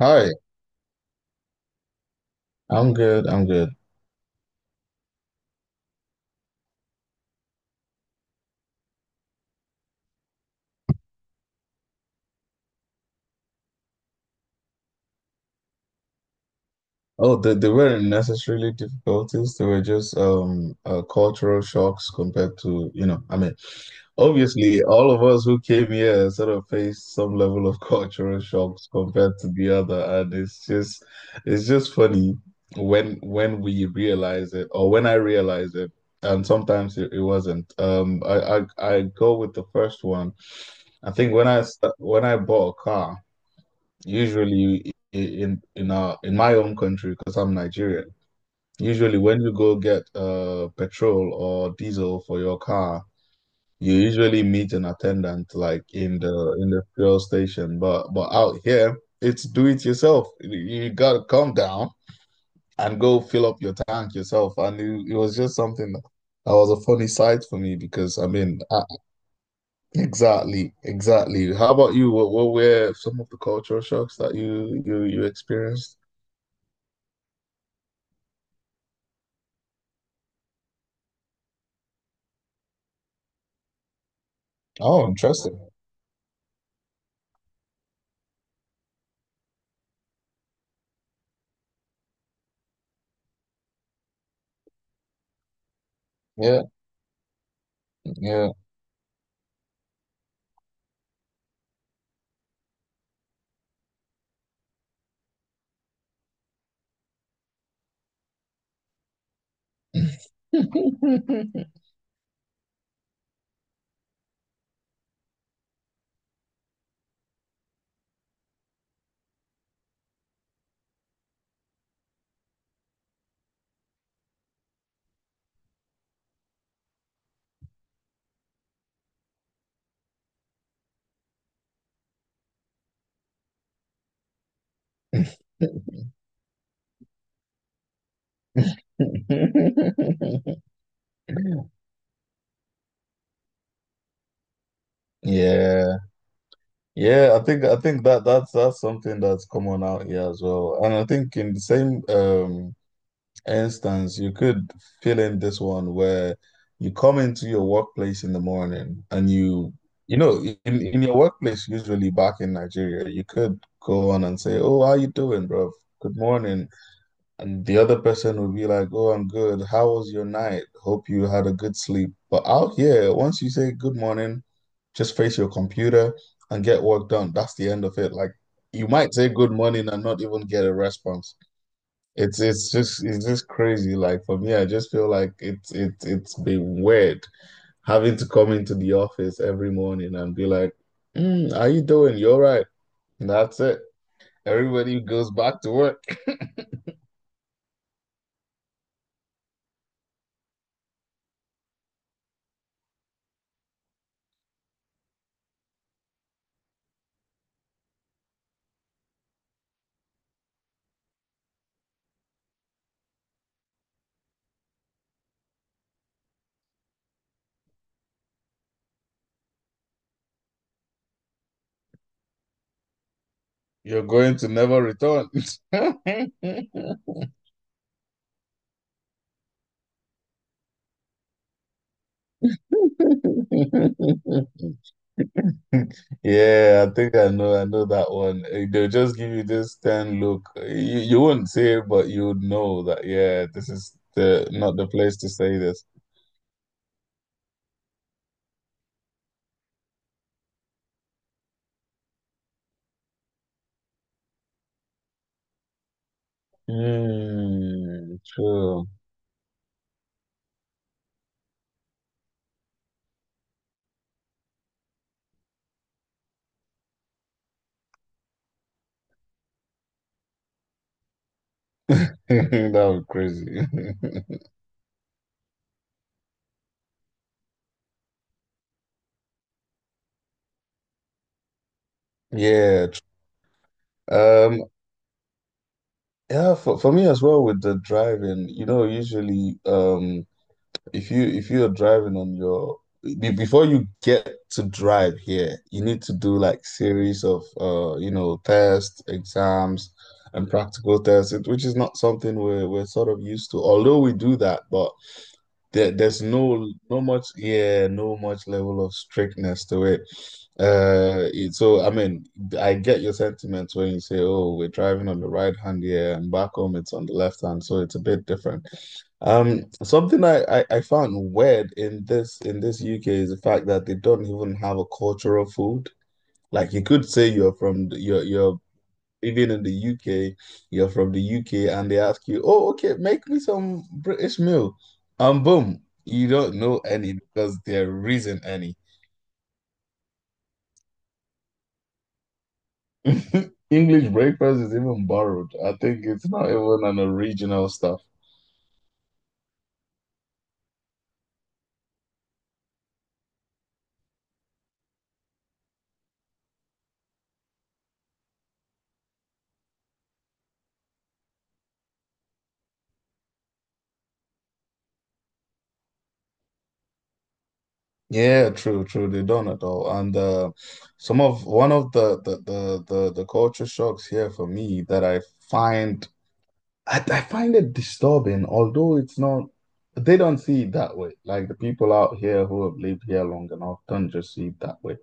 Hi, I'm good. I'm good. Oh, they weren't necessarily difficulties. They were just cultural shocks compared to, I mean, obviously all of us who came here sort of faced some level of cultural shocks compared to the other, and it's just funny when we realize it or when I realize it, and sometimes it wasn't. I go with the first one. I think when I bought a car. Usually in my own country, because I'm Nigerian, usually when you go get petrol or diesel for your car, you usually meet an attendant like in the fuel station. But out here, it's do it yourself. You gotta come down and go fill up your tank yourself. And it was just something that was a funny sight for me because I mean, exactly, exactly. How about you? What were some of the cultural shocks that you experienced? Oh, interesting. Yeah, yeah. Yeah. Yeah, I think that's something that's common out here as well. And I think in the same instance, you could fill in this one where you come into your workplace in the morning and in your workplace usually back in Nigeria, you could go on and say, "Oh, how you doing, bro? Good morning." And the other person would be like, "Oh, I'm good. How was your night? Hope you had a good sleep." But out here, once you say good morning, just face your computer and get work done. That's the end of it. Like you might say good morning and not even get a response. It's just crazy. Like for me, I just feel like it's been weird having to come into the office every morning and be like, how you doing? You're right. And that's it. Everybody goes back to work. You're going to never return. Yeah, I think I know. I know that one. They'll just give you this ten look. You wouldn't say it, but you would know that. Yeah, this is the not the place to say this. Hmm. True. That was crazy. Yeah. tr- Um. Yeah. For me as well with the driving, usually if you are driving on your before you get to drive here, you need to do like series of tests, exams, and practical tests, which is not something we're sort of used to. Although we do that, but there's no much level of strictness to it. So I mean, I get your sentiments when you say, "Oh, we're driving on the right hand here, and back home it's on the left hand," so it's a bit different. Something I found weird in this UK is the fact that they don't even have a cultural food. Like you could say you're you're even in the UK, you're from the UK, and they ask you, "Oh, okay, make me some British meal," and boom, you don't know any because there isn't any. English breakfast is even borrowed. I think it's not even an original stuff. Yeah, true, true. They don't at all. And some of one of the culture shocks here for me that find I find it disturbing, although it's not, they don't see it that way. Like the people out here who have lived here long enough don't just see it that way.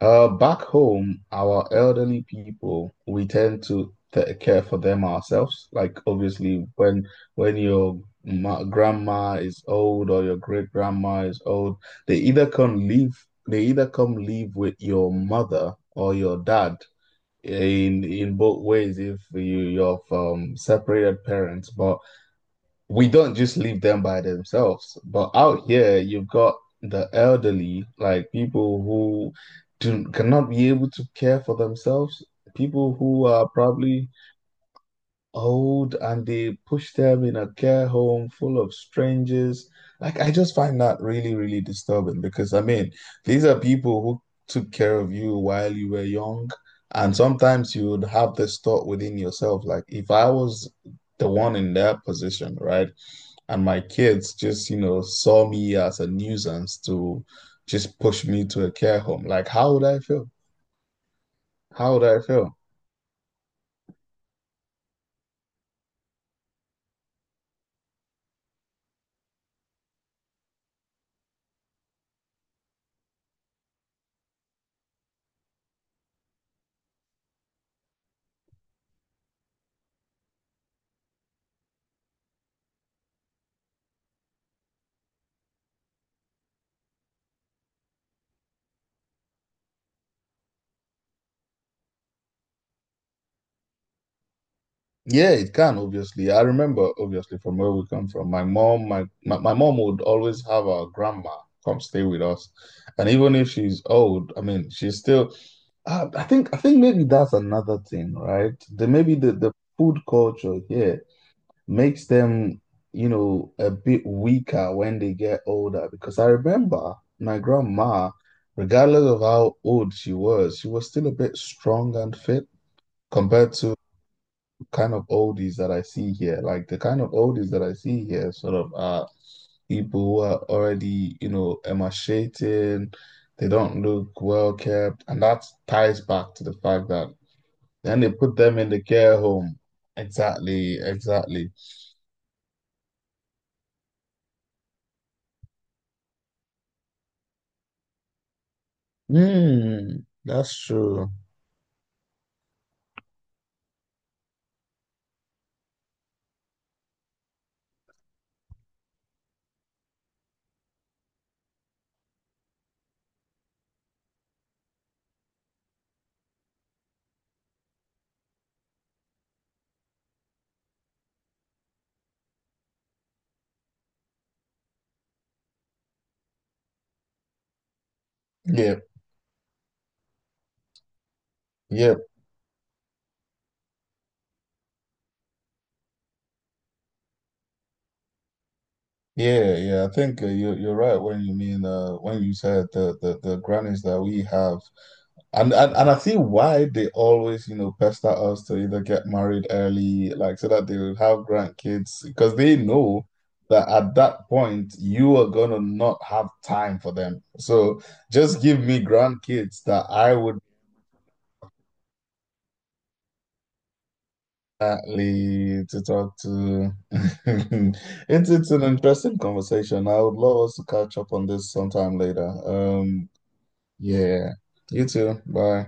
Back home, our elderly people, we tend to care for them ourselves. Like obviously, when your ma grandma is old or your great grandma is old, they either come live they either come live with your mother or your dad. In both ways, if you're from separated parents, but we don't just leave them by themselves. But out here, you've got the elderly, like people who do cannot be able to care for themselves, people who are probably old and they push them in a care home full of strangers. Like I just find that really, really disturbing because I mean, these are people who took care of you while you were young. And sometimes you would have this thought within yourself, like if I was the one in their position, right? And my kids just saw me as a nuisance to just push me to a care home. Like, how would I feel? How would I feel? Yeah, it can, obviously. I remember, obviously, from where we come from. My mom would always have our grandma come stay with us. And even if she's old, I mean, she's still, I think maybe that's another thing, right? Maybe the food culture here makes them a bit weaker when they get older. Because I remember my grandma, regardless of how old she was still a bit strong and fit compared to kind of oldies that I see here. Like the kind of oldies that I see here sort of are people who are already emaciated. They don't look well kept. And that ties back to the fact that then they put them in the care home. Exactly, exactly. Mm, that's true. Yep, yep, yeah, yeah. I think you're right when you mean when you said the grannies that we have, and I see why they always pester us to either get married early, like so that they will have grandkids, because they know that at that point you are gonna not have time for them. So just give me grandkids that I would. Exactly to talk to. It's an interesting conversation. I would love us to catch up on this sometime later. Yeah. You too. Bye.